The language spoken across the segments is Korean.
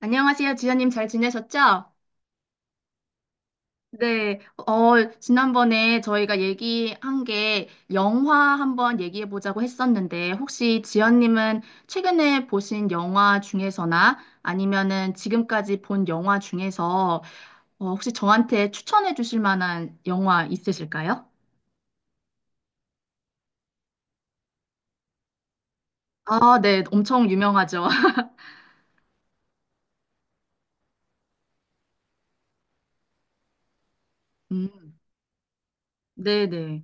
안녕하세요, 지연님 잘 지내셨죠? 네, 어, 지난번에 저희가 얘기한 게 영화 한번 얘기해 보자고 했었는데, 혹시 지연님은 최근에 보신 영화 중에서나 아니면은 지금까지 본 영화 중에서 혹시 저한테 추천해 주실 만한 영화 있으실까요? 아, 네, 엄청 유명하죠. 음, 네네.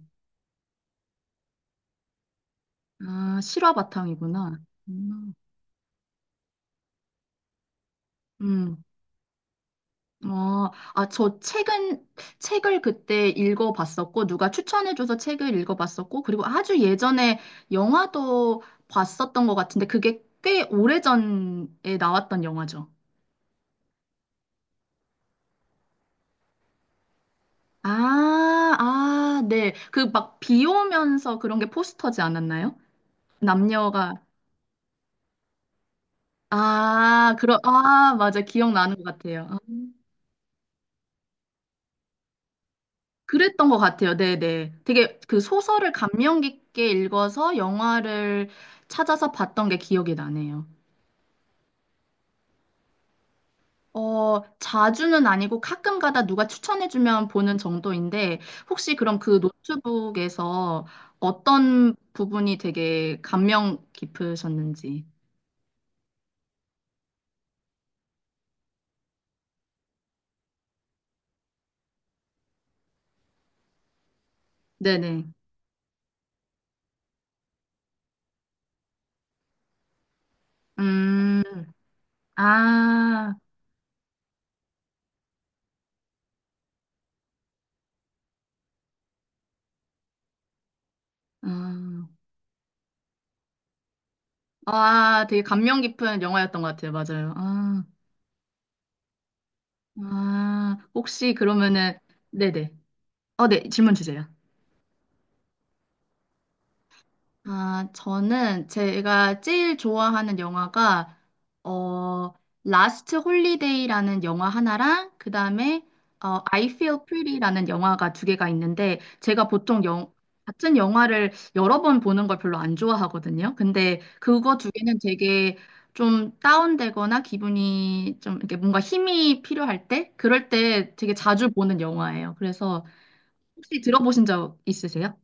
아, 실화 바탕이구나. 음, 음. 아, 아, 저 책은, 책을 그때 읽어봤었고, 누가 추천해줘서 책을 읽어봤었고, 그리고 아주 예전에 영화도 봤었던 것 같은데, 그게 꽤 오래전에 나왔던 영화죠. 아, 아, 네. 그 막 비 오면서 그런 게 포스터지 않았나요? 남녀가. 아, 그런, 아, 맞아. 기억나는 것 같아요. 아. 그랬던 것 같아요. 네네. 되게 그 소설을 감명 깊게 읽어서 영화를 찾아서 봤던 게 기억이 나네요. 어, 자주는 아니고 가끔 가다 누가 추천해주면 보는 정도인데, 혹시 그럼 그 노트북에서 어떤 부분이 되게 감명 깊으셨는지. 네네. 음, 아, 음, 아, 되게 감명 깊은 영화였던 것 같아요. 맞아요. 아, 아, 혹시 그러면은, 네네. 네, 질문 주세요. 아, 저는 제가 제일 좋아하는 영화가 어 라스트 홀리데이라는 영화 하나랑 그다음에 I Feel Pretty라는 영화가 두 개가 있는데 제가 보통 영 같은 영화를 여러 번 보는 걸 별로 안 좋아하거든요. 근데 그거 두 개는 되게 좀 다운되거나 기분이 좀 이렇게 뭔가 힘이 필요할 때 그럴 때 되게 자주 보는 영화예요. 그래서 혹시 들어보신 적 있으세요?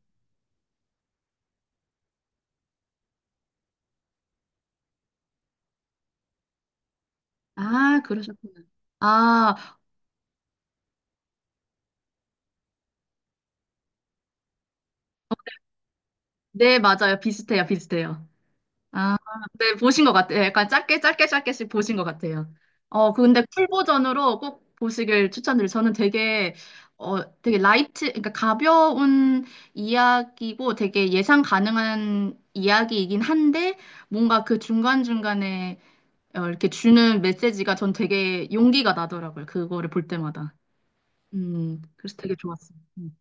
아, 그러셨구나. 아, 어, 네, 맞아요. 비슷해요, 비슷해요. 아, 네, 보신 것 같아요. 약간 짧게씩 보신 것 같아요. 그 근데 풀 버전으로 꼭 보시길 추천드려요. 저는 되게, 되게 라이트, 그러니까 가벼운 이야기고 되게 예상 가능한 이야기이긴 한데, 뭔가 그 중간중간에 이렇게 주는 메시지가 전 되게 용기가 나더라고요. 그거를 볼 때마다. 그래서 되게 좋았어요. 음.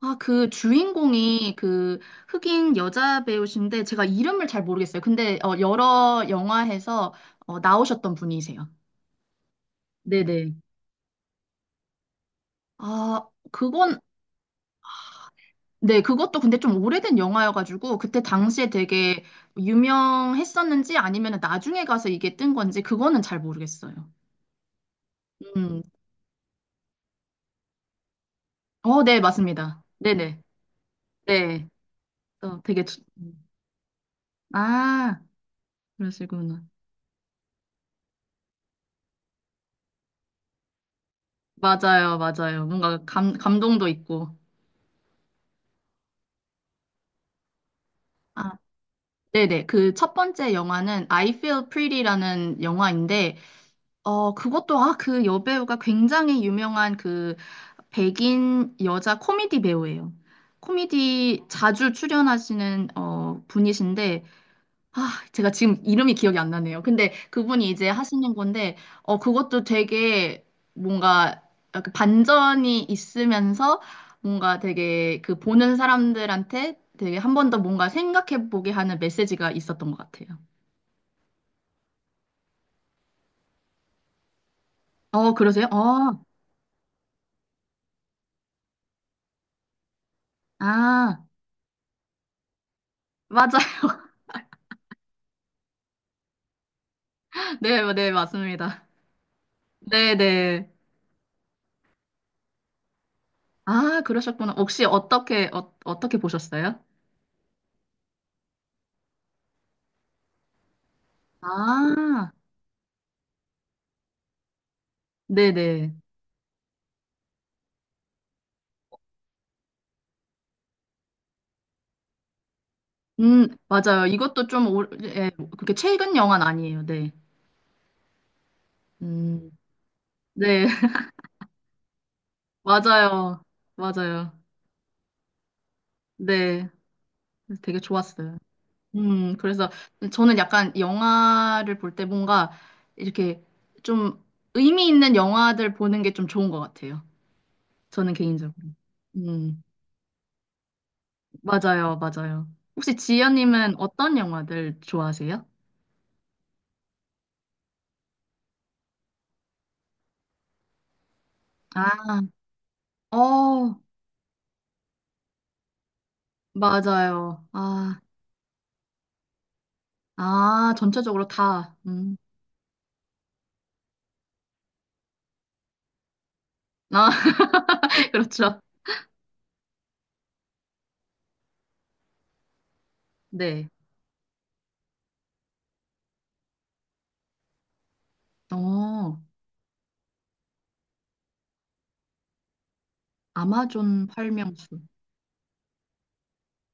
아, 그 주인공이 그 흑인 여자 배우신데 제가 이름을 잘 모르겠어요. 근데 여러 영화에서 나오셨던 분이세요. 네네. 아, 그건 네, 그것도 근데 좀 오래된 영화여가지고 그때 당시에 되게 유명했었는지 아니면 나중에 가서 이게 뜬 건지 그거는 잘 모르겠어요. 음, 어, 네, 맞습니다. 네네, 네, 어, 되게 주- 음. 아, 그러시구나. 맞아요, 맞아요. 뭔가 감 감동도 있고. 네네. 그 첫 번째 영화는 I Feel Pretty라는 영화인데, 그것도, 아, 그 여배우가 굉장히 유명한 그 백인 여자 코미디 배우예요. 코미디 자주 출연하시는, 분이신데, 아, 제가 지금 이름이 기억이 안 나네요. 근데 그분이 이제 하시는 건데, 그것도 되게 뭔가 약간 반전이 있으면서 뭔가 되게 그 보는 사람들한테 되게 한 번 더 뭔가 생각해 보게 하는 메시지가 있었던 것 같아요. 어, 그러세요? 어, 아, 맞아. 네, 네, 맞습니다. 네, 네. 아, 그러셨구나. 혹시 어떻게, 어떻게 보셨어요? 아, 네네. 맞아요. 이것도 좀, 오, 예, 그렇게 최근 영화는 아니에요. 네. 음, 네, 맞아요. 맞아요. 네. 그래서 되게 좋았어요. 그래서 저는 약간 영화를 볼 때 뭔가 이렇게 좀 의미 있는 영화들 보는 게 좀 좋은 것 같아요. 저는 개인적으로. 음, 맞아요. 맞아요. 혹시 지연님은 어떤 영화들 좋아하세요? 아, 어, 맞아요. 아, 아, 전체적으로 다. 음. 아, 그렇죠. 네. 어, 아마존 활명수.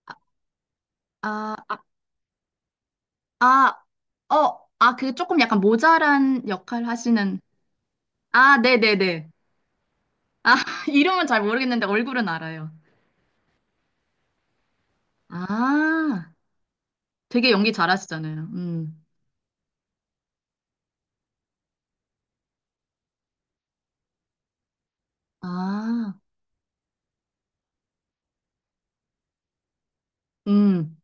아, 아, 아, 아, 어, 아, 그 조금 약간 모자란 역할 하시는. 아, 네네네. 아, 이름은 잘 모르겠는데 얼굴은 알아요. 아, 되게 연기 잘하시잖아요. 음. 아, 음.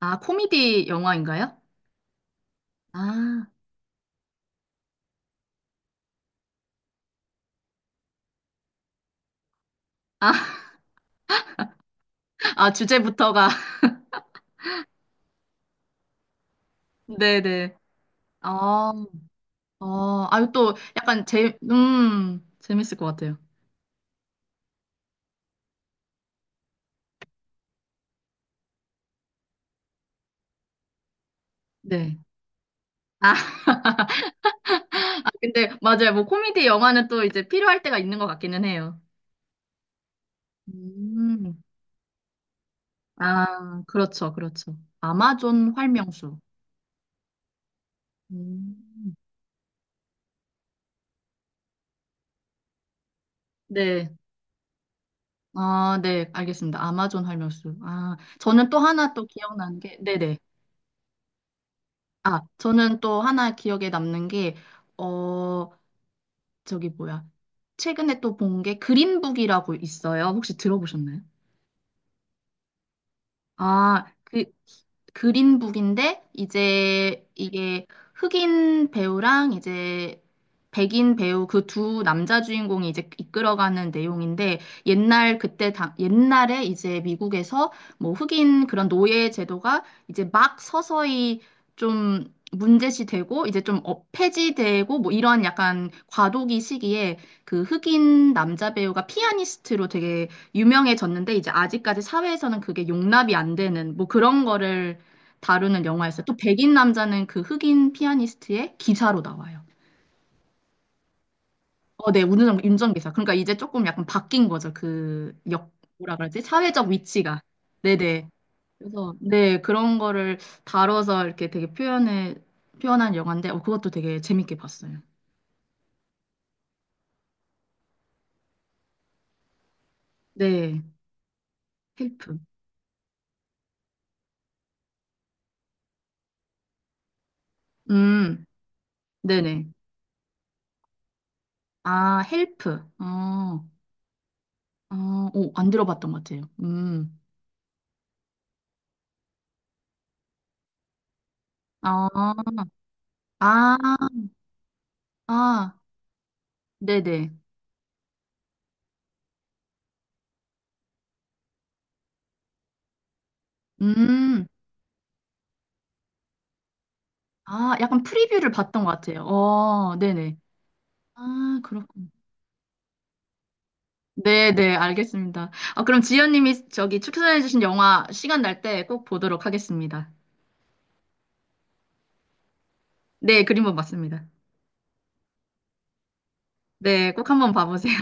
아, 코미디 영화인가요? 아, 아, 아, 주제부터가. 네네. 어, 어, 아유, 또 약간 재밌을 것 같아요. 네. 아, 근데 맞아요. 뭐 코미디 영화는 또 이제 필요할 때가 있는 것 같기는 해요. 음. 아, 그렇죠, 그렇죠. 아마존 활명수. 음. 네. 아, 네, 알겠습니다. 아마존 활명수. 아, 저는 또 하나 또 기억나는 게, 네네. 아, 저는 또 하나 기억에 남는 게, 어, 저기 뭐야. 최근에 또 본 게 그린북이라고 있어요. 혹시 들어보셨나요? 아, 그, 그린북인데, 이제 이게 흑인 배우랑 이제 백인 배우 그 두 남자 주인공이 이제 이끌어가는 내용인데, 옛날 그때, 당 옛날에 이제 미국에서 뭐 흑인 그런 노예 제도가 이제 막 서서히 좀 문제시 되고, 이제 좀 폐지되고, 뭐 이런 약간 과도기 시기에 그 흑인 남자 배우가 피아니스트로 되게 유명해졌는데 이제 아직까지 사회에서는 그게 용납이 안 되는 뭐 그런 거를 다루는 영화였어요. 또 백인 남자는 그 흑인 피아니스트의 기사로 나와요. 어, 네, 운전기사. 그러니까 이제 조금 약간 바뀐 거죠. 그 역, 뭐라 그러지? 사회적 위치가. 네네. 그래서, 네, 그런 거를 다뤄서 이렇게 되게 표현한 영화인데, 그것도 되게 재밌게 봤어요. 네, 헬프. 음, 네네. 아, 헬프. 어, 어, 오, 안 들어봤던 것 같아요. 음. 아, 아, 아, 네네. 음, 아, 약간 프리뷰를 봤던 것 같아요. 어, 네네. 아, 그렇군. 네네, 알겠습니다. 아, 그럼 지연님이 저기 추천해주신 영화 시간 날 때 꼭 보도록 하겠습니다. 네, 그림은 맞습니다. 네, 꼭 한번 봐보세요.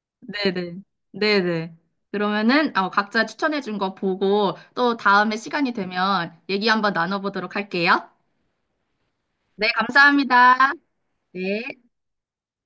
네네. 네네. 그러면은, 각자 추천해준 거 보고 또 다음에 시간이 되면 얘기 한번 나눠보도록 할게요. 네, 감사합니다. 네.